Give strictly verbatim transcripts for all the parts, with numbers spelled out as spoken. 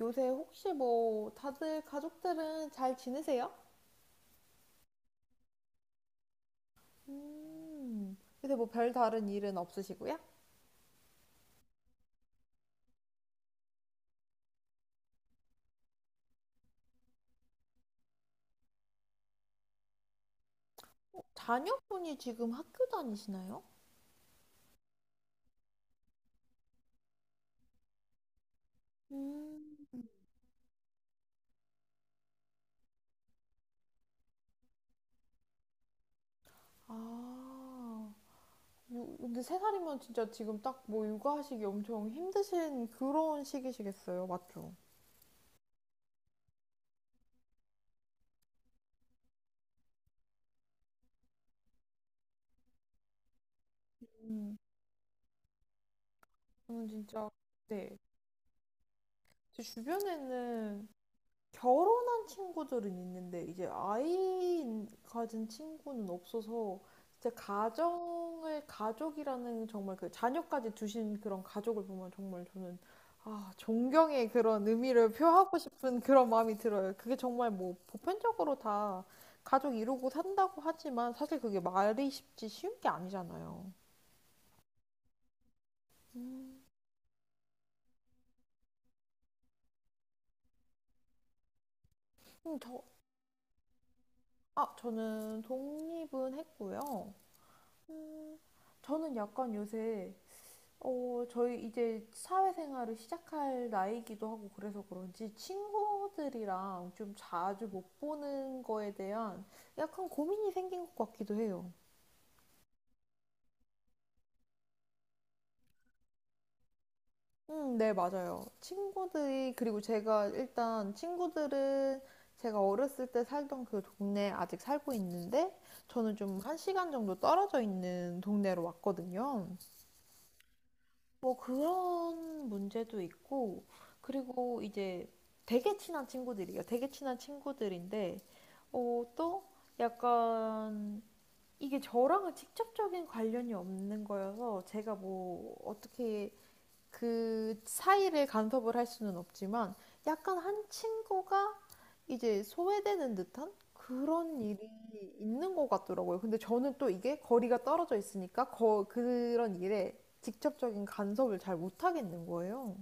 요새 혹시 뭐 다들 가족들은 잘 지내세요? 음. 요새 뭐 별다른 일은 없으시고요? 자녀분이 지금 학교 다니시나요? 음. 아, 요- 근데 세 살이면 진짜 지금 딱 뭐 육아하시기 엄청 힘드신 그런 시기시겠어요, 맞죠? 음. 저는 진짜, 네. 제 주변에는 결혼한 친구들은 있는데 이제 아이 가진 친구는 없어서 진짜 가정을 가족이라는 정말 그 자녀까지 두신 그런 가족을 보면 정말 저는 아, 존경의 그런 의미를 표하고 싶은 그런 마음이 들어요. 그게 정말 뭐 보편적으로 다 가족 이루고 산다고 하지만 사실 그게 말이 쉽지 쉬운 게 아니잖아요. 음. 음. 저, 아, 저는 독립은 했고요. 음, 저는 약간 요새 어, 저희 이제 사회생활을 시작할 나이기도 하고 그래서 그런지 친구들이랑 좀 자주 못 보는 거에 대한 약간 고민이 생긴 것 같기도 해요. 음, 네, 맞아요. 친구들이, 그리고 제가 일단 친구들은 제가 어렸을 때 살던 그 동네에 아직 살고 있는데 저는 좀 한 시간 정도 떨어져 있는 동네로 왔거든요. 뭐 그런 문제도 있고, 그리고 이제 되게 친한 친구들이에요. 되게 친한 친구들인데, 어, 또 약간 이게 저랑은 직접적인 관련이 없는 거여서 제가 뭐 어떻게 그 사이를 간섭을 할 수는 없지만 약간 한 친구가 이제 소외되는 듯한 그런 일이 있는 것 같더라고요. 근데 저는 또 이게 거리가 떨어져 있으니까 거, 그런 일에 직접적인 간섭을 잘 못하겠는 거예요.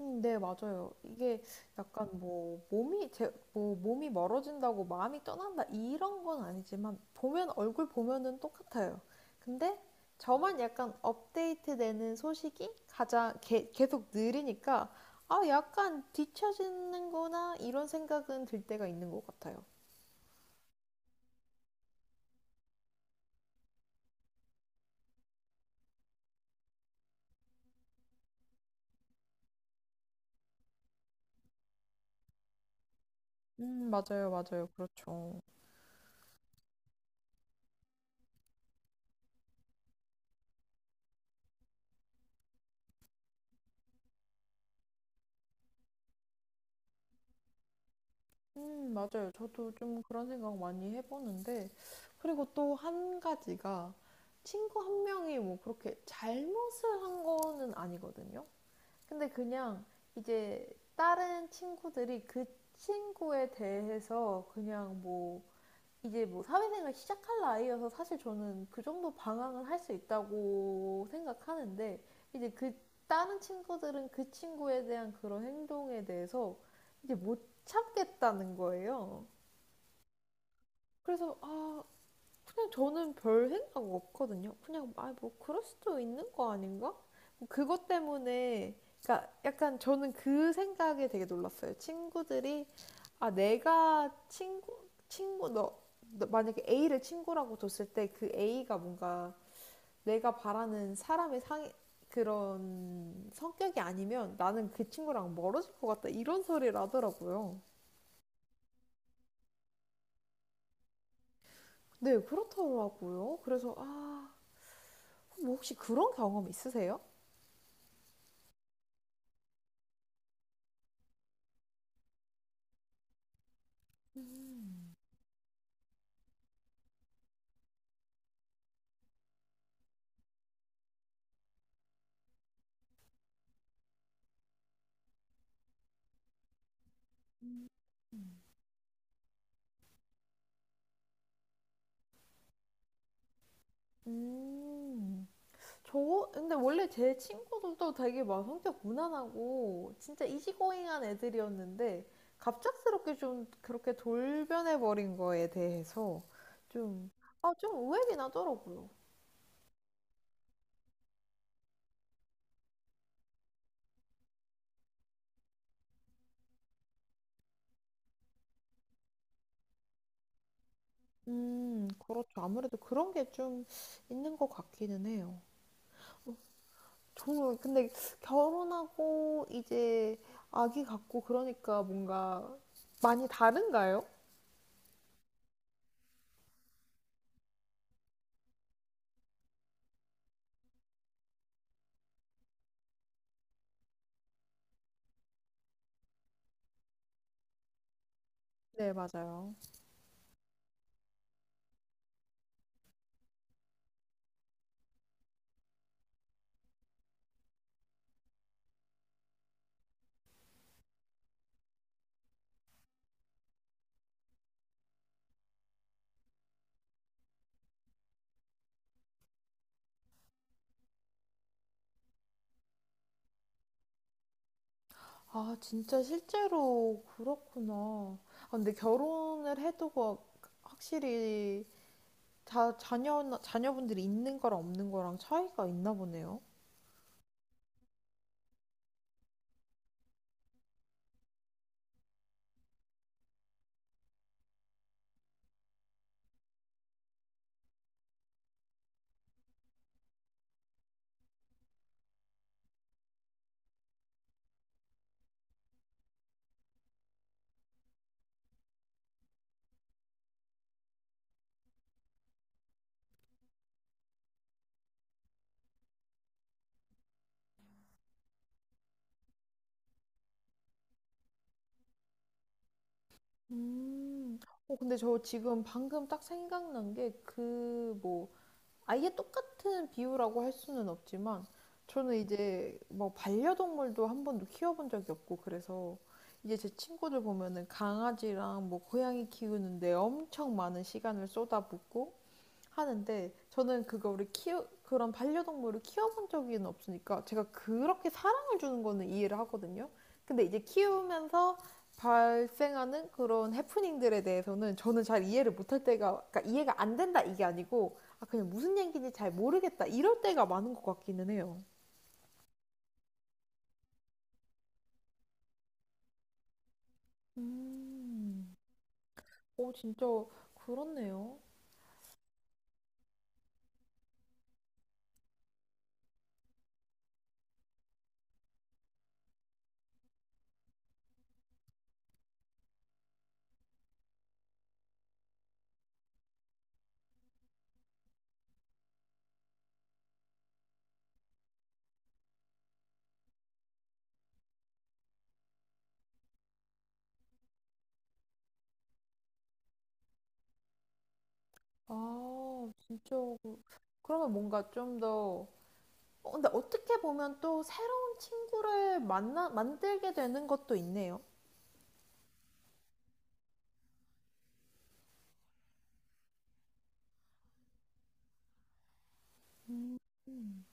음, 네, 맞아요. 이게 약간 뭐 몸이 제, 뭐 몸이 멀어진다고 마음이 떠난다 이런 건 아니지만 보면 얼굴 보면은 똑같아요. 근데 저만 약간 업데이트되는 소식이 가장 게- 계속 느리니까 아, 약간 뒤처지는구나 이런 생각은 들 때가 있는 것 같아요. 음, 맞아요, 맞아요. 그렇죠. 음, 맞아요. 저도 좀 그런 생각 많이 해보는데, 그리고 또 한 가지가 친구 한 명이 뭐 그렇게 잘못을 한 거는 아니거든요. 근데 그냥 이제 다른 친구들이 그 친구에 대해서 그냥 뭐 이제 뭐 사회생활 시작할 나이여서 사실 저는 그 정도 방황을 할 수 있다고 생각하는데 이제 그 다른 친구들은 그 친구에 대한 그런 행동에 대해서 이제 못 참겠다는 거예요. 그래서 아, 그냥 저는 별 생각 없거든요. 그냥 아 뭐 그럴 수도 있는 거 아닌가? 뭐 그것 때문에 그러니까 약간 저는 그 생각에 되게 놀랐어요. 친구들이 아 내가 친구 친구 너, 너 만약에 에이를 친구라고 뒀을 때 그 에이가 뭔가 내가 바라는 사람의 상 그런 성격이 아니면 나는 그 친구랑 멀어질 것 같다 이런 소리를 하더라고요. 네, 그렇더라고요. 그래서 아, 뭐 혹시 그런 경험 있으세요? 음. 음, 음. 음. 음. 음. 저, 근데 원래 제 친구들도 되게 막 성격 무난하고 진짜 이지고잉한 애들이었는데 갑작스럽게 좀 그렇게 돌변해버린 거에 대해서 좀, 아, 좀 의외긴 하더라고요. 음, 그렇죠. 아무래도 그런 게 좀 있는 것 같기는 해요. 저, 근데 결혼하고 이제 아기 갖고 그러니까 뭔가 많이 다른가요? 네, 맞아요. 아, 진짜 실제로 그렇구나. 아, 근데 결혼을 해도 그- 확실히 자, 자녀, 자녀분들이 있는 거랑 없는 거랑 차이가 있나 보네요. 음, 어, 근데 저 지금 방금 딱 생각난 게 그 뭐 아예 똑같은 비유라고 할 수는 없지만 저는 이제 뭐 반려동물도 한 번도 키워본 적이 없고 그래서 이제 제 친구들 보면은 강아지랑 뭐 고양이 키우는데 엄청 많은 시간을 쏟아붓고 하는데 저는 그거 우리 키우 그런 반려동물을 키워본 적이 없으니까 제가 그렇게 사랑을 주는 거는 이해를 하거든요. 근데 이제 키우면서 발생하는 그런 해프닝들에 대해서는 저는 잘 이해를 못할 때가 그러니까 이해가 안 된다 이게 아니고 아 그냥 무슨 얘기인지 잘 모르겠다 이럴 때가 많은 것 같기는 해요. 음. 오 진짜 그렇네요. 아 진짜 그러면 뭔가 좀더 어, 근데 어떻게 보면 또 새로운 친구를 만나, 만들게 되는 것도 있네요. 음.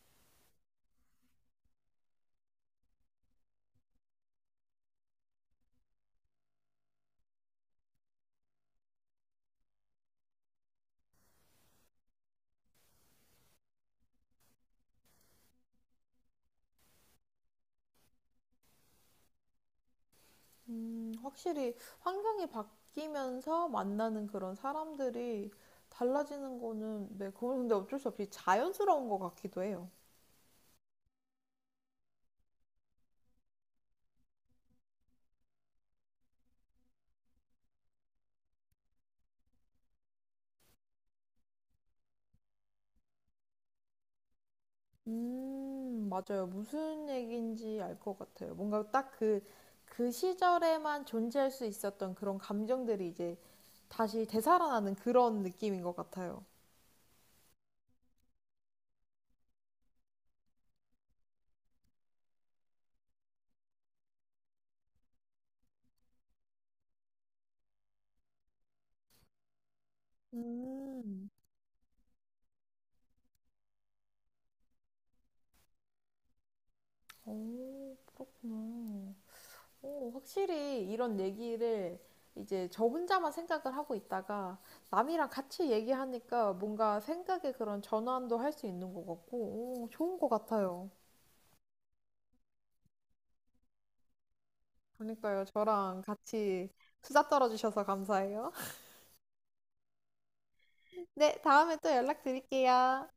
음, 확실히 환경이 바뀌면서 만나는 그런 사람들이 달라지는 거는, 네, 그건 근데 어쩔 수 없이 자연스러운 것 같기도 해요. 음, 맞아요. 무슨 얘기인지 알 것 같아요. 뭔가 딱 그, 그 시절에만 존재할 수 있었던 그런 감정들이 이제 다시 되살아나는 그런 느낌인 것 같아요. 음. 오, 그렇구나. 오, 확실히 이런 얘기를 이제 저 혼자만 생각을 하고 있다가 남이랑 같이 얘기하니까 뭔가 생각의 그런 전환도 할 수 있는 것 같고, 오, 좋은 것 같아요. 그러니까요, 저랑 같이 수다 떨어주셔서 감사해요. 네, 다음에 또 연락드릴게요.